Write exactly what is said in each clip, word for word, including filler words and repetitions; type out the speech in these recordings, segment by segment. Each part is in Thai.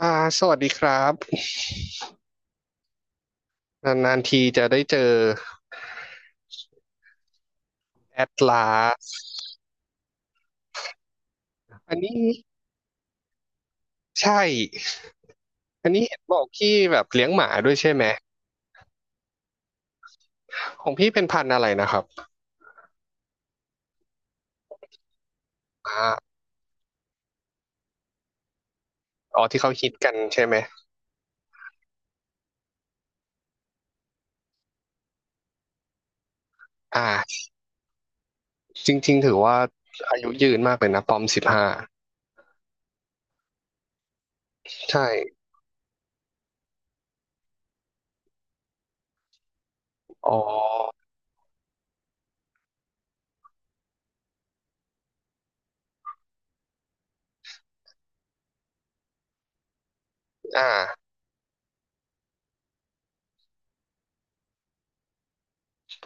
อ่าสวัสดีครับนานๆทีจะได้เจอแอดลาสอันนี้ใช่อันนี้เห็นบอกพี่แบบเลี้ยงหมาด้วยใช่ไหมของพี่เป็นพันธุ์อะไรนะครับอ่าอ๋อที่เขาฮิตกันใช่ไหมอ่าจริงๆถือว่าอายุยืนมากเลยนะปอมสิบห้าใช่อ๋ออ่า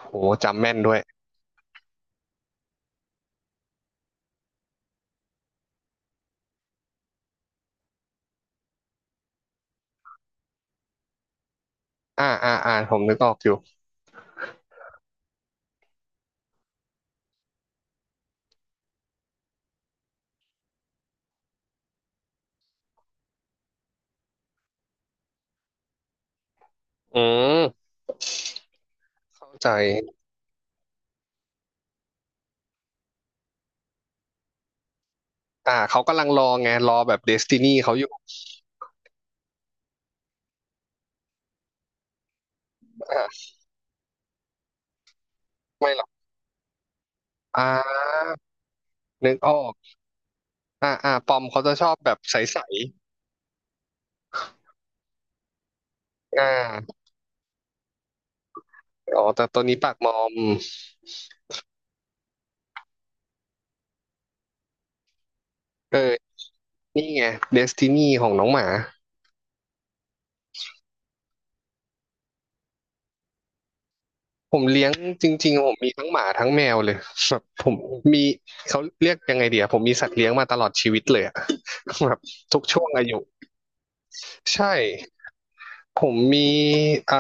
โหจำแม่นด้วยอ่าอ่าอ่าผมนึกออกอยู่อืมเข้าใจอ่าเขากำลังรอไงรอแบบเดสตินีเขาอยู่อ่าไม่หรอกอ่านึกออก อ่าอ่าปอมเขาจะชอบแบบใสๆอ่าอ๋อแต่ตัวนี้ปากมอมเออนี่ไงเดสตินีของน้องหมาผมเลี้ยงจริงๆผมมีทั้งหมาทั้งแมวเลยแบบผมมีเขาเรียกยังไงเดียวผมมีสัตว์เลี้ยงมาตลอดชีวิตเลยอะ แบบทุกช่วงอายุใช่ผมมีอ่า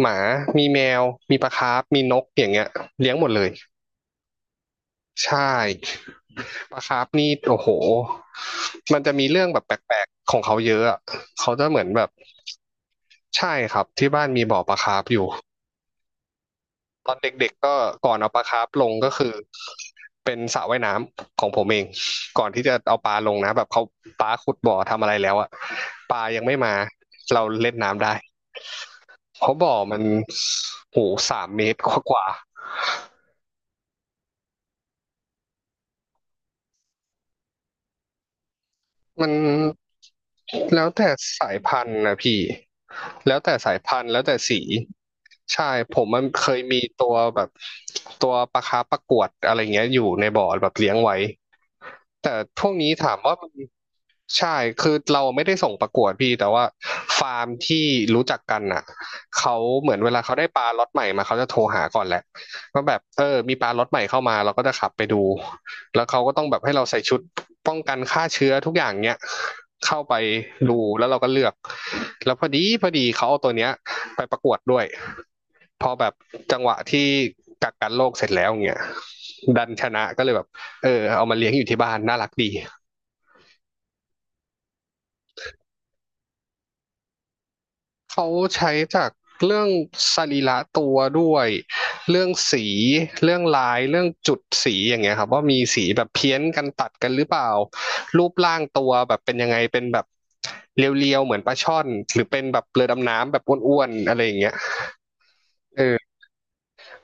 หมามีแมวมีปลาคาร์ฟมีนกอย่างเงี้ยเลี้ยงหมดเลยใช่ ปลาคาร์ฟนี่โอ้โหมันจะมีเรื่องแบบแปลกๆของเขาเยอะอะเขาจะเหมือนแบบใช่ครับที่บ้านมีบ่อปลาคาร์ฟอยู่ตอนเด็กๆก็ก่อนเอาปลาคาร์ฟลงก็คือเป็นสระว่ายน้ำของผมเองก่อนที่จะเอาปลาลงนะแบบเขาปลาขุดบ่อทำอะไรแล้วอะปลายังไม่มาเราเล่นน้ำได้เพราะบ่อมันโหสามเมตรกว่า มันแล้วแต่สายพันธุ์นะพี่แล้วแต่สายพันธุ์แล้วแต่สีใช่ผมมันเคยมีตัวแบบตัวปลาคาร์ปประกวดอะไรเงี้ยอยู่ในบ่อแบบเลี้ยงไว้แต่พวกนี้ถามว่ามันใช่คือเราไม่ได้ส่งประกวดพี่แต่ว่าฟาร์มที่รู้จักกันน่ะเขาเหมือนเวลาเขาได้ปลาล็อตใหม่มาเขาจะโทรหาก่อนแหละว่าแบบเออมีปลาล็อตใหม่เข้ามาเราก็จะขับไปดู แล้วเขาก็ต้องแบบให้เราใส่ชุดป้องกันฆ่าเชื้อทุกอย่างเนี้ยเข้าไปดูแล้วเราก็เลือกแล้วพอดีพอดีเขาเอาตัวเนี้ยไปประกวดด้วยพอแบบจังหวะที่กักกันโรคเสร็จแล้วเงี้ยดันชนะก็เลยแบบเออเอามาเลี้ยงอยู่ที่บ้านน่ารักดี เขาใช้จากเรื่องสรีระตัวด้วยเรื่องสีเรื่องลายเรื่องจุดสีอย่างเงี้ยครับว่ามีสีแบบเพี้ยนกันตัดกันหรือเปล่ารูปร่างตัวแบบเป็นยังไงเป็นแบบเรียวๆเหมือนปลาช่อนหรือเป็นแบบเรือดำน้ำแบบอ้วนๆอะไรอย่างเงี้ยเออ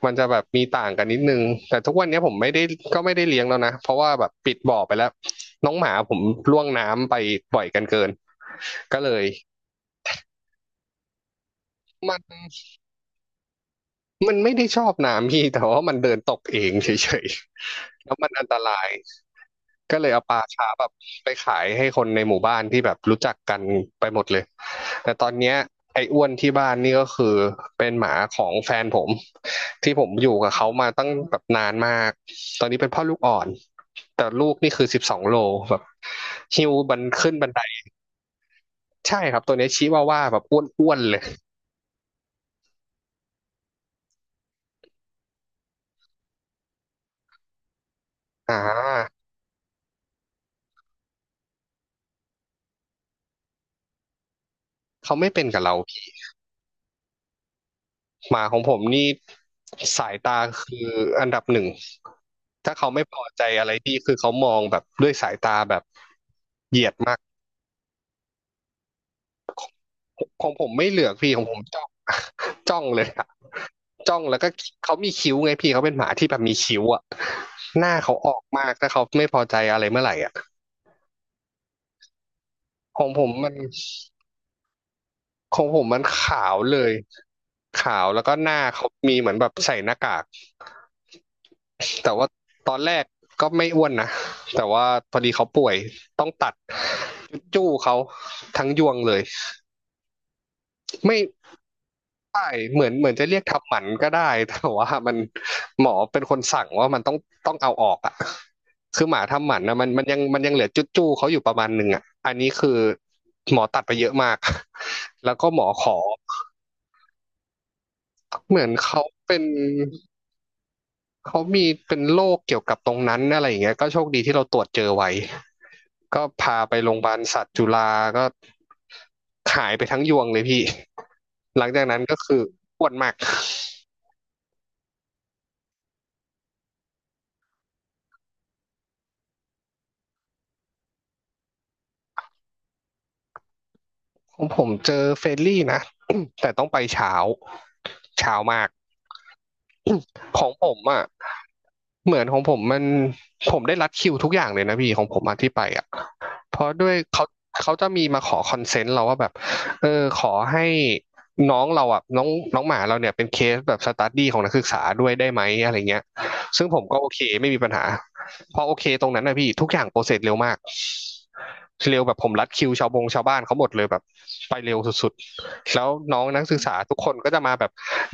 มันจะแบบมีต่างกันนิดนึงแต่ทุกวันนี้ผมไม่ได้ก็ไม่ได้เลี้ยงแล้วนะเพราะว่าแบบปิดบ่อไปแล้วน้องหมาผมล่วงน้ำไปบ่อยกันเกินก็เลยมัน มันไม่ได้ชอบน้ำ พี่แต่ว่ามันเดินตกเองเฉยๆ แล้วมันอันตรายก็เลยเอาปลาช้าแบบไปขายให้คนในหมู่บ้านที่แบบรู้จักกันไปหมดเลยแต่ตอนเนี้ยไอ้อ้วนที่บ้านนี่ก็คือเป็นหมาของแฟนผมที่ผมอยู่กับเขามาตั้งแบบนานมากตอนนี้เป็นพ่อลูกอ่อนแต่ลูกนี่คือสิบสองโลแบบหิวบันขึ้นบันไดใช่ครับตัวเนี้ยชิวาว่าแบบอ้วนๆเลยอ่าเขาไม่เป็นกับเรา หมาของผมนี่สายตาคืออันดับหนึ่งถ้าเขาไม่พอใจอะไรพี่คือเขามองแบบด้วยสายตาแบบเหยียดมากของผมไม่เหลือกพี่ของผมจ้อง จ้องเลยอะจ้องแล้วก็เขามีคิ้วไงพี่เขาเป็นหมาที่แบบมีคิ้วอะหน้าเขาออกมากถ้าเขาไม่พอใจอะไรเมื่อไหร่อะของผมมัน ของผมมันขาวเลยขาวแล้วก็หน้าเขามีเหมือนแบบใส่หน้ากากแต่ว่าตอนแรกก็ไม่อ้วนนะแต่ว่าพอดีเขาป่วยต้องตัดจู้เขาทั้งยวงเลยไม่ใช่เหมือนเหมือนจะเรียกทำหมันก็ได้ แต่ว่ามันหมอเป็นคนสั่งว่ามันต้องต้องเอาออกอ่ะคือหมาทำหมันนะมันมันยังมันยังเหลือจุดจู้เขาอยู่ประมาณหนึ่งอ่ะอันนี้คือหมอตัดไปเยอะมาก แล้วก็หมอขอ เหมือนเขาเป็นเขามีเป็นโรคเกี่ยวกับตรงนั้นอะไรอย่างเงี้ยก็โชคดีที่เราตรวจเจอไว้ก็พาไปโรงพยาบาลสัตว์จุฬาก็หายไปทั้งยวงเลยพี่หลังจากนั้นก็คือปวดมากของผมเจอเฟรนลี่นะ แต่ต้องไปเช้าเช้ามาก ของผมอ่ะ เหมือนของผมมันผมได้รัดคิวทุกอย่างเลยนะพี่ของผมมาที่ไปอ่ะเพราะด้วยเขาเขาจะมีมาขอคอนเซนต์เราว่าแบบเออขอให้น้องเราอ่ะน้องน้องหมาเราเนี่ยเป็นเคสแบบสตัดดี้ของนักศึกษาด้วยได้ไหมอะไรเงี้ยซึ่งผมก็โอเคไม่มีปัญหาพอโอเคตรงนั้นนะพี่ทุกอย่างโปรเซสเร็วมากเร็วแบบผมรัดคิวชาวบงชาวบ้านเขาหมดเลยแบบไปเร็วสุดๆแล้วน้องนักศึกษาทุกคนก็จะมาแบบ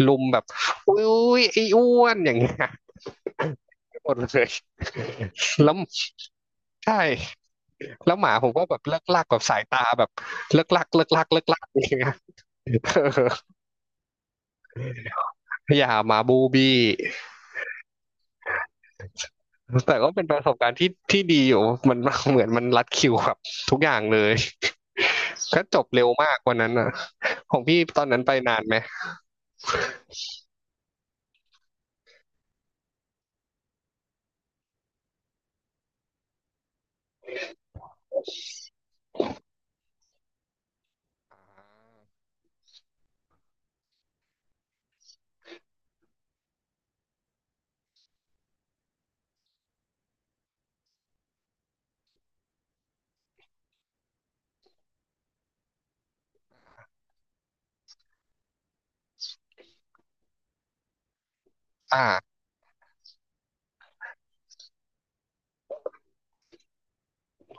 ลุมแบบอุ้ยไอ้อ้วนอย่างเงี้ย หมดเลย แล้วใช่แล้วหมาผมก็แบบเลิกลักกับสายตาแบบเลิกลักเลิกลักเลิกลัก อย่างเงี้ยเอออย่าหมาบูบี้แต่ก็เป็นประสบการณ์ที่ที่ดีอยู่มันเหมือนมันรัดคิวครับทุกอย่างเลยก็จบเร็วมากวันนั้นอ่ะของพี่ตอนนั้นไปนานไหมอ่า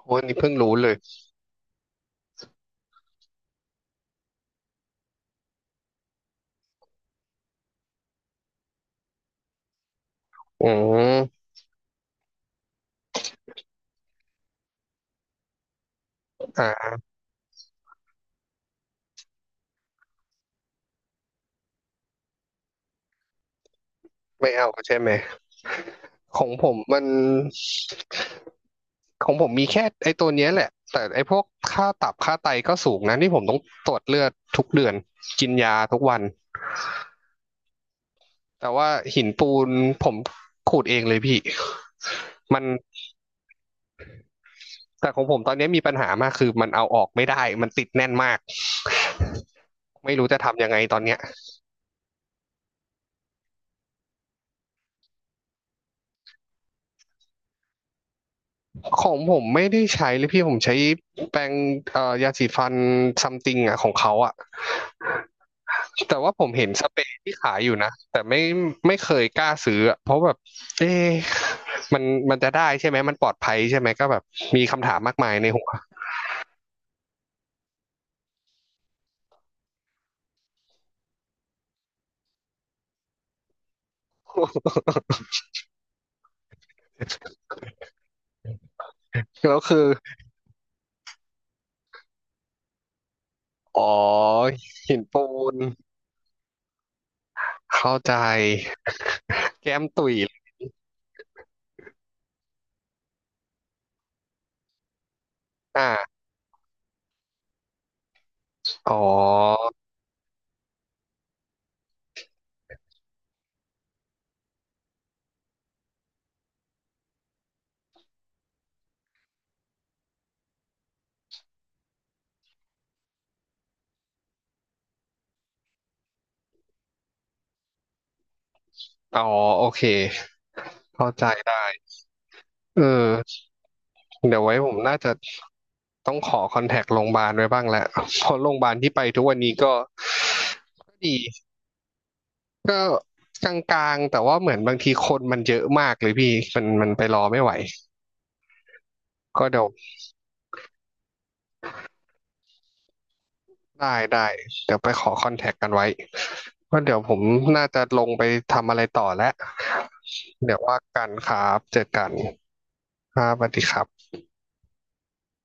โหนี่เพิ่งรู้เลยอืมอ่าไม่เอาใช่ไหม ของผมมัน ของผมมีแค่ไอ้ตัวเนี้ยแหละแต่ไอ้พวกค่าตับค่าไตก็สูงนะนี่ผมต้องตรวจเลือดทุกเดือนกินยาทุกวันแต่ว่าหินปูนผมขูดเองเลยพี่มันแต่ของผมตอนเนี้ยมีปัญหามากคือมันเอาออกไม่ได้มันติดแน่นมากไม่รู้จะทำยังไงตอนเนี้ยของผมไม่ได้ใช้เลยพี่ผมใช้แปรงเอ่อยาสีฟันซัมติงอ่ะของเขาอ่ะ แต่ว่าผมเห็นสเปรย์ที่ขายอยู่นะแต่ไม่ไม่เคยกล้าซื้ออะเพราะแบบเอ๊ะมันมันจะได้ใช่ไหมมันปลอดภัยใช่ไหมก็แบบมีคำถามมากมายในหัว แล้วคืออ๋อหินปูนเข้าใจแก้มตุ๋ยอ่าอ๋ออ๋อโอเคเข้าใจได้เออเดี๋ยวไว้ผมน่าจะต้องขอคอนแทคโรงพยาบาลไว้บ้างแหละเพราะโรงพยาบาลที่ไปทุกวันนี้ก็ก็ดี ก็กลางๆแต่ว่าเหมือนบางทีคนมันเยอะมากเลยพี่มันมันไปรอไม่ไหวก็เดี๋ยวได้ได้เดี๋ยวไปขอคอนแทคกันไว้ก็เดี๋ยวผมน่าจะลงไปทำอะไรต่อแล้วเดี๋ยวว่ากันครับเจอกันครับสวัสดีครับ